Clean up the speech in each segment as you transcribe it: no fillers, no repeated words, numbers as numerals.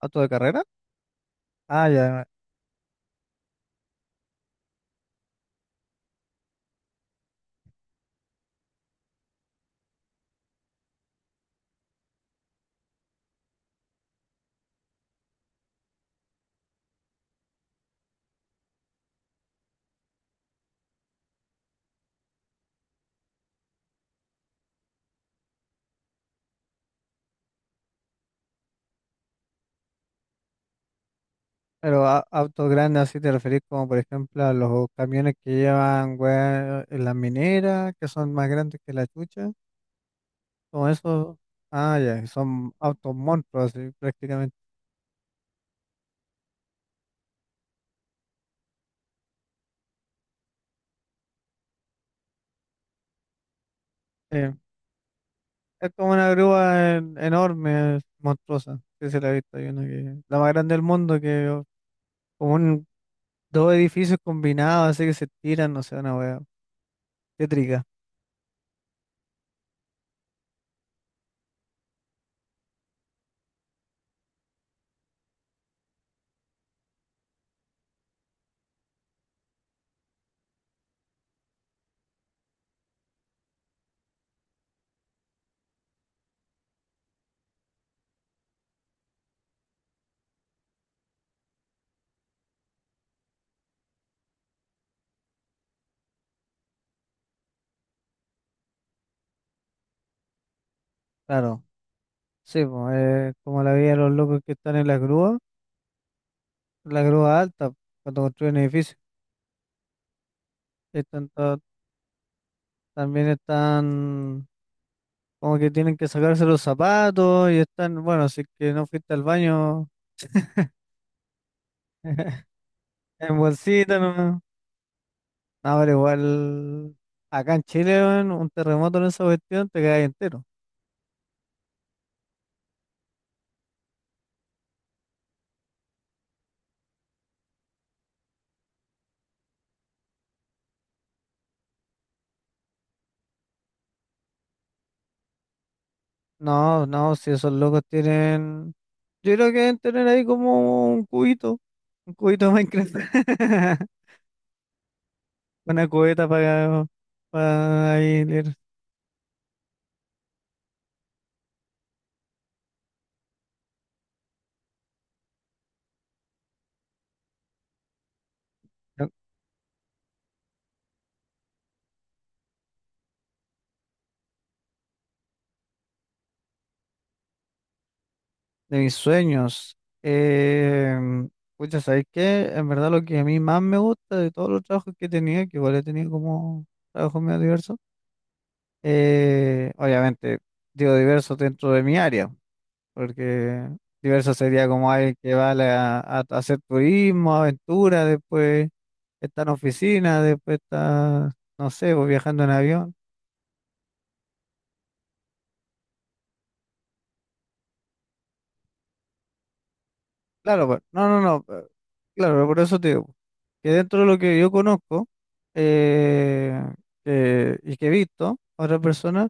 ¿Auto de carrera? Ah, ya. Pero autos grandes, así te referís como por ejemplo a los camiones que llevan weá en las mineras, que son más grandes que la chucha. Como eso. Ah, ya. Son autos monstruos, así prácticamente. Sí. Es como una grúa enorme, monstruosa. Sí, se la he visto. Hay una que la más grande del mundo, que como un, dos edificios combinados, así que se tiran, no sé, una wea. Tétrica, claro. Sí, pues, como la vida de los locos que están en las grúas, la grúa alta cuando construyen edificios. Están también están como que tienen que sacarse los zapatos y están, bueno, si es que no fuiste al baño en bolsita, no. No, pero igual acá en Chile, weón, un terremoto en esa cuestión te quedas entero. No, no, si esos locos tienen, yo creo que deben tener ahí como un cubito de Minecraft, una cubeta para ahí leer. De mis sueños. Eh, pucha, ¿sabes qué? En verdad lo que a mí más me gusta de todos los trabajos que he tenido, que igual he tenido como trabajos medio diversos, obviamente digo diversos dentro de mi área, porque diverso sería como alguien que va a, a hacer turismo, aventura, después está en oficina, después está, no sé, pues, viajando en avión. Claro, pues, no, no, no. Claro, por eso te digo, que dentro de lo que yo conozco, eh, y que he visto a otras personas,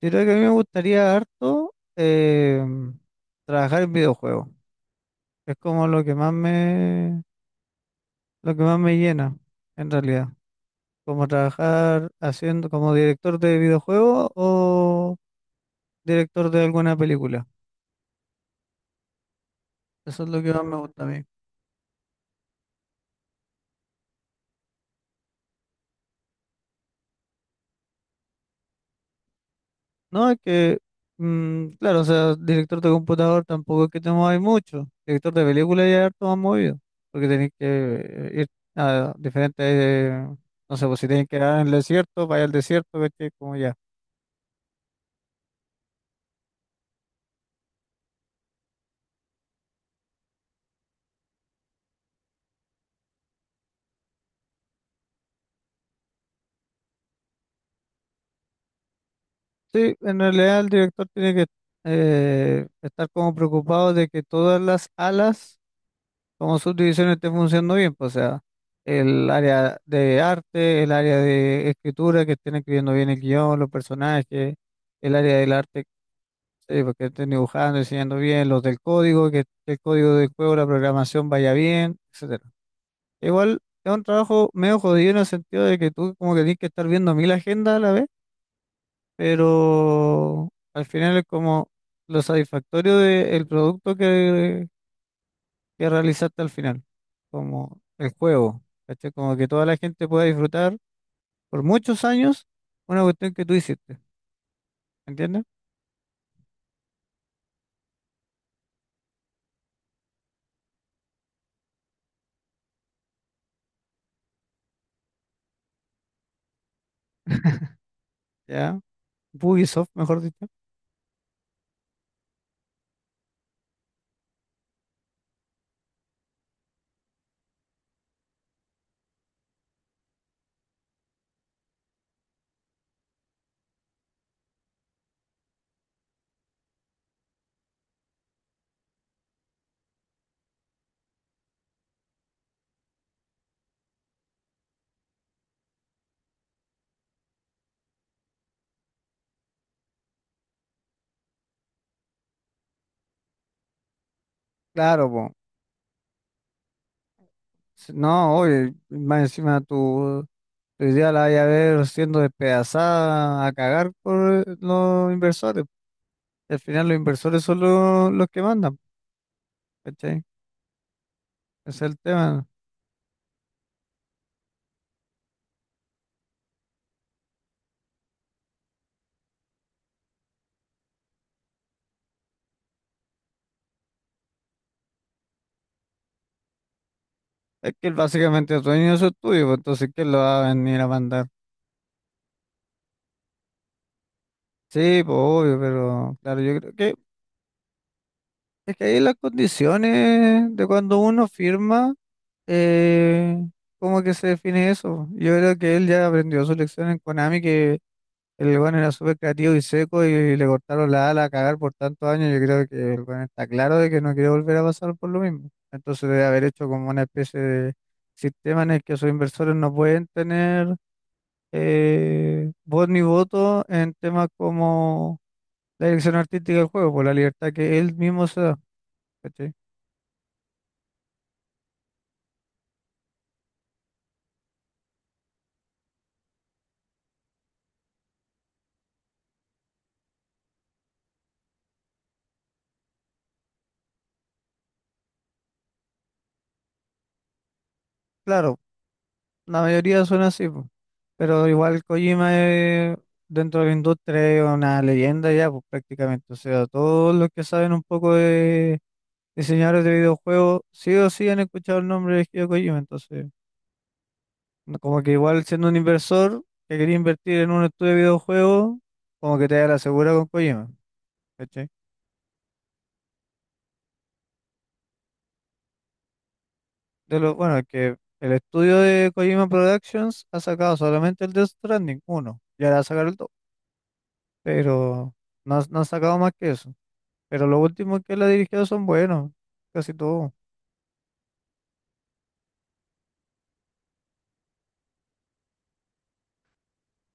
yo creo que a mí me gustaría harto trabajar en videojuegos. Es como lo que más me, lo que más me llena, en realidad. Como trabajar haciendo, como director de videojuegos o director de alguna película. Eso es lo que más me gusta a mí. No, es que, claro, o sea, director de computador tampoco es que te mueváis mucho. Director de película ya es harto más movido, porque tenéis que ir a diferentes, no sé, pues si tenéis que ir en el desierto, vaya al desierto, ¿cachai? Como ya. Sí, en realidad el director tiene que estar como preocupado de que todas las alas como subdivisiones estén funcionando bien, pues, o sea, el área de arte, el área de escritura, que estén escribiendo bien el guión, los personajes, el área del arte. Sí, porque estén dibujando, enseñando bien los del código, que el código del juego, la programación vaya bien, etcétera. Igual es un trabajo medio jodido en el sentido de que tú como que tienes que estar viendo 1.000 agendas a la vez, pero al final es como lo satisfactorio del producto que realizaste al final, como el juego, ¿cachai? Como que toda la gente pueda disfrutar por muchos años una cuestión que tú hiciste, ¿entiendes? Ya, Ubisoft, mejor dicho. Claro, po. No, oye, más encima tu, tu idea la vaya a ver siendo despedazada a cagar por los inversores. Al final los inversores son los que mandan, ¿cachai? Ese es el tema. Es que él básicamente es dueño de su estudio, pues, entonces ¿quién lo va a venir a mandar? Sí, pues obvio, pero claro, yo creo que es que ahí las condiciones de cuando uno firma, eh, ¿cómo que se define eso? Yo creo que él ya aprendió su lección en Konami. Que El weón era súper creativo y seco y le cortaron la ala a cagar por tantos años. Yo creo que el weón está claro de que no quiere volver a pasar por lo mismo. Entonces debe haber hecho como una especie de sistema en el que sus inversores no pueden tener, voz ni voto en temas como la dirección artística del juego, por la libertad que él mismo se da. ¿Cachai? Claro. La mayoría son así, po. Pero igual Kojima, dentro de la industria es una leyenda ya, pues prácticamente. O sea, todos los que saben un poco de diseñadores de videojuegos, sí o sí han escuchado el nombre de Hideo Kojima. Entonces, como que igual siendo un inversor que quería invertir en un estudio de videojuegos, como que te da la segura con Kojima. ¿Cachai? De lo, bueno, es que el estudio de Kojima Productions ha sacado solamente el Death Stranding uno y ahora va a sacar el 2, pero no, no ha sacado más que eso. Pero los últimos que él ha dirigido son buenos, casi todos.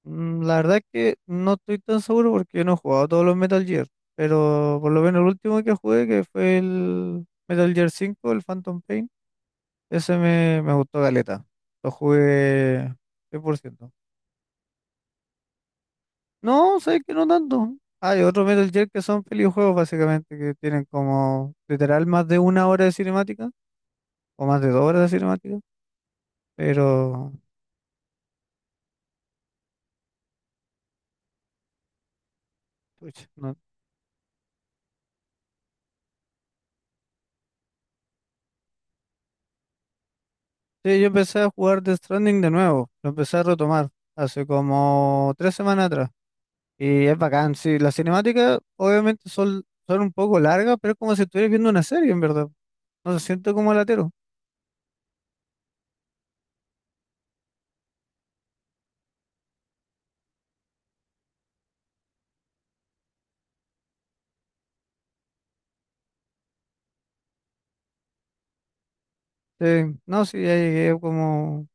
La verdad es que no estoy tan seguro porque yo no he jugado todos los Metal Gear, pero por lo menos el último que jugué, que fue el Metal Gear 5, el Phantom Pain, ese me gustó galeta. Lo jugué 100%. No, sabes que no tanto. Hay otros Metal Gear que son pelijuegos básicamente, que tienen como literal más de una hora de cinemática, o más de 2 horas de cinemática, pero pucha, no. Sí, yo empecé a jugar Death Stranding de nuevo, lo empecé a retomar hace como 3 semanas atrás y es bacán, sí, las cinemáticas obviamente son un poco largas, pero es como si estuvieras viendo una serie en verdad, no se siente como latero, sí, no, sí, ya llegué como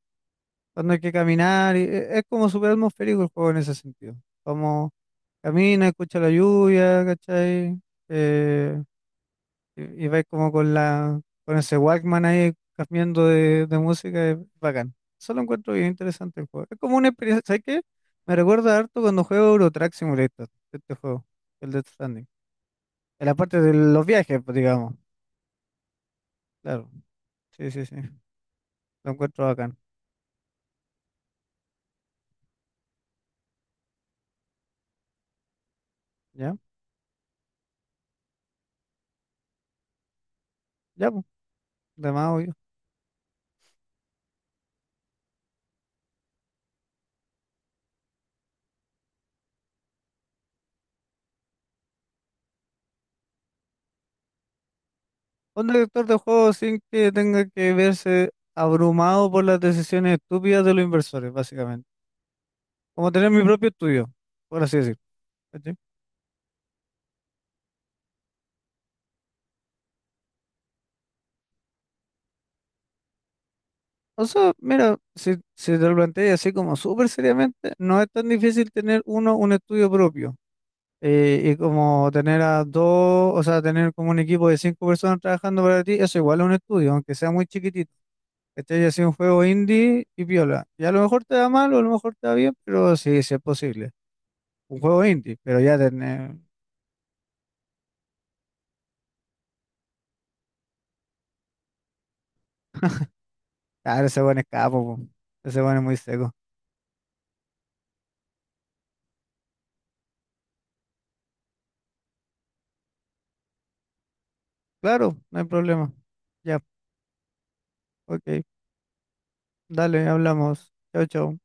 cuando hay que caminar, y es como súper atmosférico el juego en ese sentido, como camina, escucha la lluvia, ¿cachai? Eh, y vais como con la, con ese Walkman ahí cambiando de música, es bacán. Eso lo encuentro bien interesante el juego. Es como una experiencia, ¿sabes qué? Me recuerda harto cuando juego Euro Truck Simulator, este juego, el Death Stranding. En la parte de los viajes, pues, digamos. Claro, sí, sí, sí. Lo encuentro bacán. ¿Ya? Ya, pues, de más obvio. Un director de juego sin que tenga que verse abrumado por las decisiones estúpidas de los inversores, básicamente. Como tener mi propio estudio, por así decirlo. O sea, mira, si te lo planteas así como súper seriamente, no es tan difícil tener uno un estudio propio, y como tener a dos, o sea, tener como un equipo de 5 personas trabajando para ti, eso igual es un estudio, aunque sea muy chiquitito. Este ya sido un juego indie y piola. Y a lo mejor te da mal o a lo mejor te da bien, pero sí, sí es posible. Un juego indie, pero ya tener, claro, ese buen escapo, po. Ese buen es muy seco. Claro, no hay problema. Ya, ok, dale, hablamos. Chao, chao.